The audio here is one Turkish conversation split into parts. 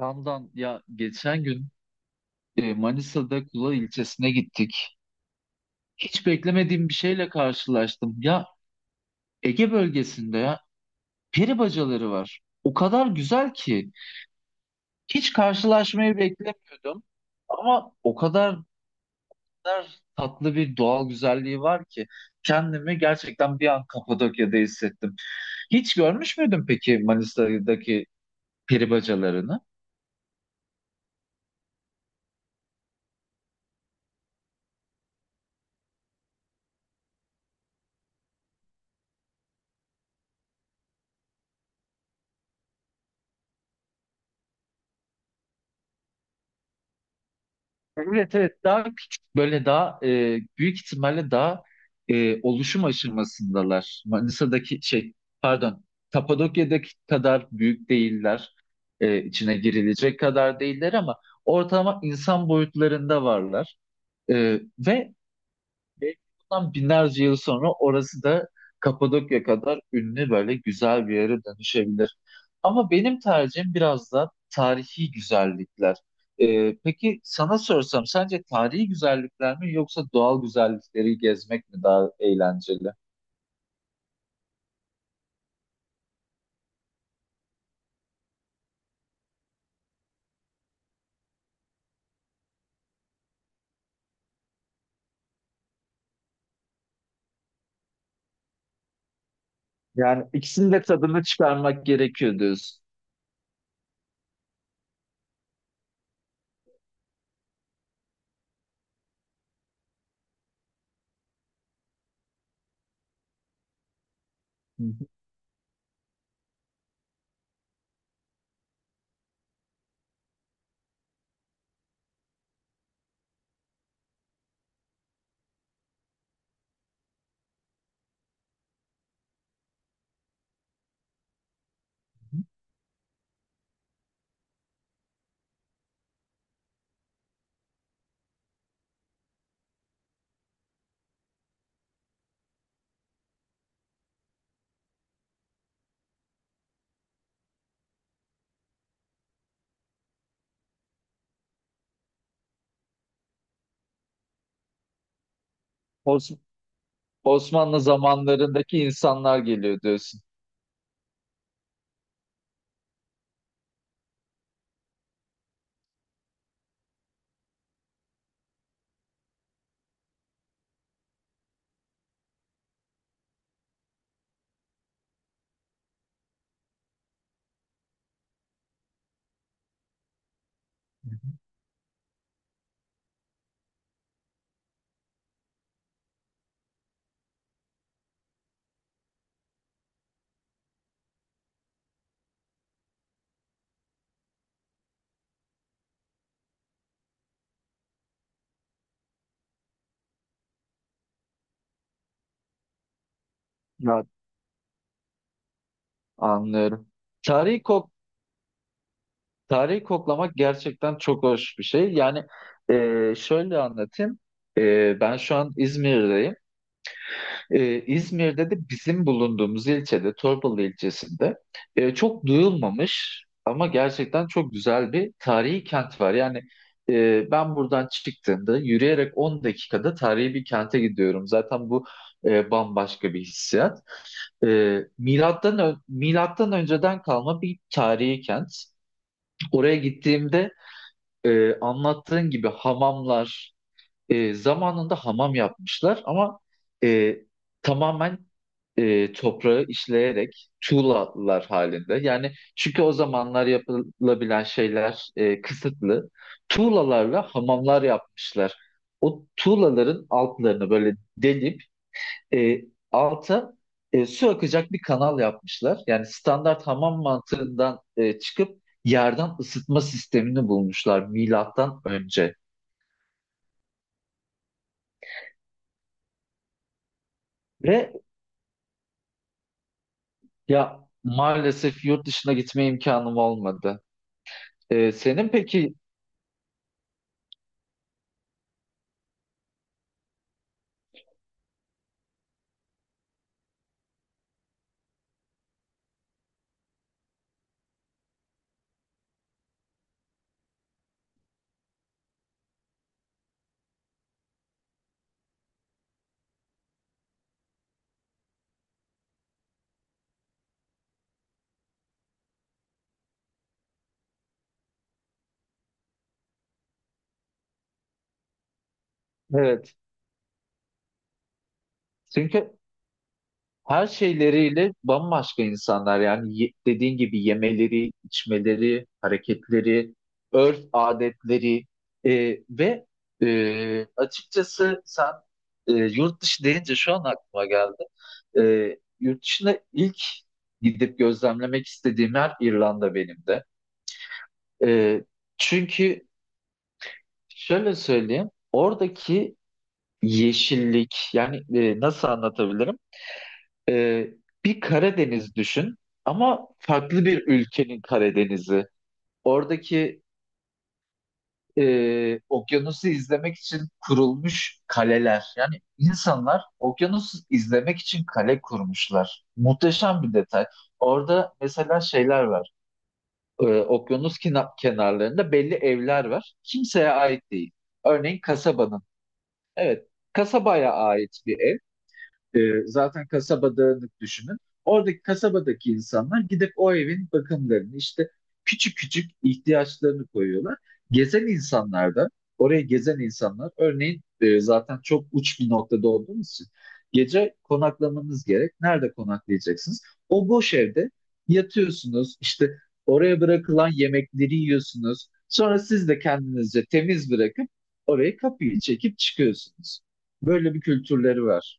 Ramdan ya geçen gün Manisa'da Kula ilçesine gittik. Hiç beklemediğim bir şeyle karşılaştım. Ya Ege bölgesinde ya peri bacaları var. O kadar güzel ki hiç karşılaşmayı beklemiyordum. Ama o kadar tatlı bir doğal güzelliği var ki kendimi gerçekten bir an Kapadokya'da hissettim. Hiç görmüş müydün peki Manisa'daki peri bacalarını? Evet evet, daha küçük böyle, daha büyük ihtimalle daha oluşum aşamasındalar. Manisa'daki şey, pardon, Kapadokya'daki kadar büyük değiller. İçine girilecek kadar değiller ama ortalama insan boyutlarında varlar. E, ve Belki bundan binlerce yıl sonra orası da Kapadokya kadar ünlü böyle güzel bir yere dönüşebilir. Ama benim tercihim biraz da tarihi güzellikler. Peki sana sorsam sence tarihi güzellikler mi yoksa doğal güzellikleri gezmek mi daha eğlenceli? Yani ikisinin de tadını çıkarmak gerekiyor diyorsun. Hı hı. Os- Osmanlı zamanlarındaki insanlar geliyor diyorsun. Ya, anlıyorum. Tarihi ko- Tarihi koklamak gerçekten çok hoş bir şey. Yani, şöyle anlatayım. Ben şu an İzmir'deyim. İzmir'de de bizim bulunduğumuz ilçede, Torbalı ilçesinde çok duyulmamış ama gerçekten çok güzel bir tarihi kent var. Yani ben buradan çıktığımda yürüyerek 10 dakikada tarihi bir kente gidiyorum. Zaten bu bambaşka bir hissiyat. E, Milattan önceden kalma bir tarihi kent. Oraya gittiğimde anlattığın gibi hamamlar, zamanında hamam yapmışlar ama e, tamamen, toprağı işleyerek, tuğlalar halinde. Yani çünkü o zamanlar yapılabilen şeyler kısıtlı. Tuğlalarla hamamlar yapmışlar. O tuğlaların altlarını böyle delip e, alta su akacak bir kanal yapmışlar. Yani standart hamam mantığından çıkıp yerden ısıtma sistemini bulmuşlar milattan önce. Ve ya maalesef yurt dışına gitme imkanım olmadı. Senin peki evet çünkü her şeyleriyle bambaşka insanlar. Yani dediğin gibi yemeleri, içmeleri, hareketleri, örf adetleri e, ve açıkçası sen, yurt dışı deyince şu an aklıma geldi. E, Yurt dışına ilk gidip gözlemlemek istediğim yer İrlanda benim de. E, Çünkü şöyle söyleyeyim: oradaki yeşillik, yani nasıl anlatabilirim? Ee, Bir Karadeniz düşün ama farklı bir ülkenin Karadeniz'i. Oradaki okyanusu izlemek için kurulmuş kaleler. Yani insanlar okyanusu izlemek için kale kurmuşlar. Muhteşem bir detay. Orada mesela şeyler var. Okyanus kenarlarında belli evler var. Kimseye ait değil. Örneğin kasabanın. Evet, kasabaya ait bir ev. E, Zaten kasaba dağınık, düşünün. Oradaki kasabadaki insanlar gidip o evin bakımlarını, işte küçük küçük ihtiyaçlarını koyuyorlar. Gezen insanlar da, oraya gezen insanlar örneğin, zaten çok uç bir noktada olduğumuz için gece konaklamanız gerek. Nerede konaklayacaksınız? O boş evde yatıyorsunuz, işte oraya bırakılan yemekleri yiyorsunuz. Sonra siz de kendinizce temiz bırakıp orayı, kapıyı çekip çıkıyorsunuz. Böyle bir kültürleri var.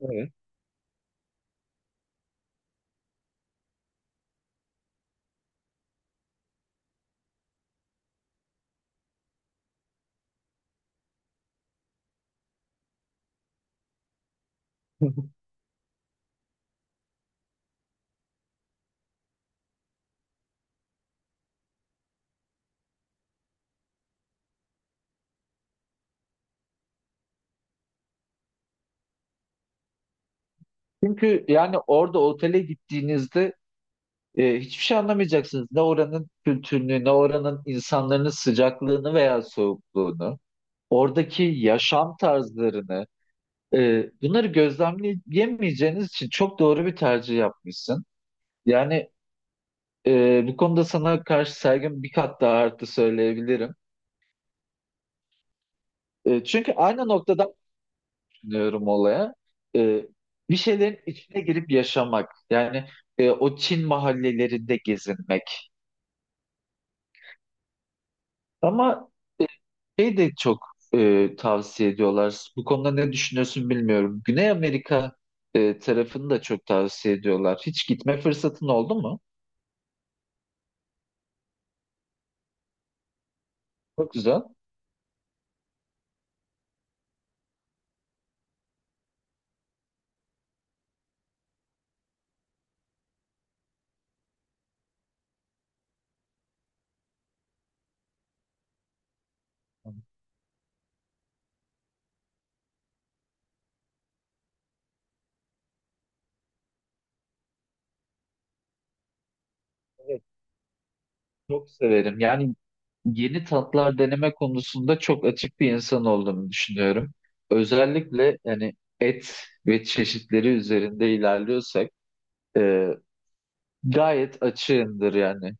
Evet. Çünkü yani orada otele gittiğinizde hiçbir şey anlamayacaksınız. Ne oranın kültürünü, ne oranın insanların sıcaklığını veya soğukluğunu, oradaki yaşam tarzlarını, bunları gözlemleyemeyeceğiniz için çok doğru bir tercih yapmışsın. Yani bu konuda sana karşı saygım bir kat daha arttı söyleyebilirim. Çünkü aynı noktadan düşünüyorum olaya. E, Bir şeylerin içine girip yaşamak. Yani o Çin mahallelerinde gezinmek. Ama şey de çok tavsiye ediyorlar. Bu konuda ne düşünüyorsun bilmiyorum. Güney Amerika tarafını da çok tavsiye ediyorlar. Hiç gitme fırsatın oldu mu? Çok güzel. Evet, çok severim. Yani yeni tatlar deneme konusunda çok açık bir insan olduğumu düşünüyorum. Özellikle yani et ve çeşitleri üzerinde ilerliyorsak e, gayet açığımdır yani.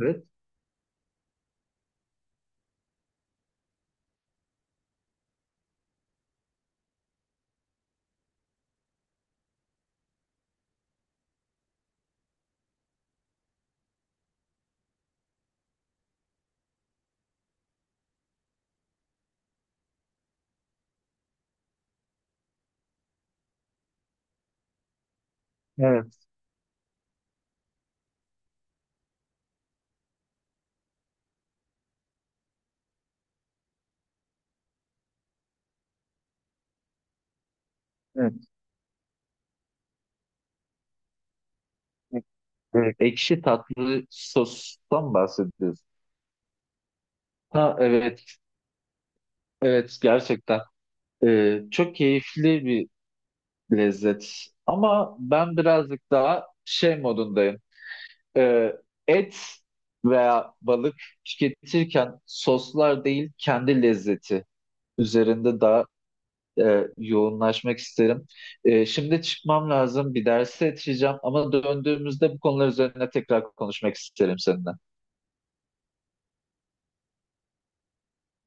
Evet. Evet, evet. Ekşi tatlı sostan bahsediyorsun. Ha evet, evet, gerçekten çok keyifli bir lezzet. Ama ben birazcık daha şey modundayım. Ee, Et veya balık tüketirken soslar değil kendi lezzeti üzerinde daha yoğunlaşmak isterim. Şimdi çıkmam lazım, bir derse yetişeceğim ama döndüğümüzde bu konular üzerine tekrar konuşmak isterim seninle.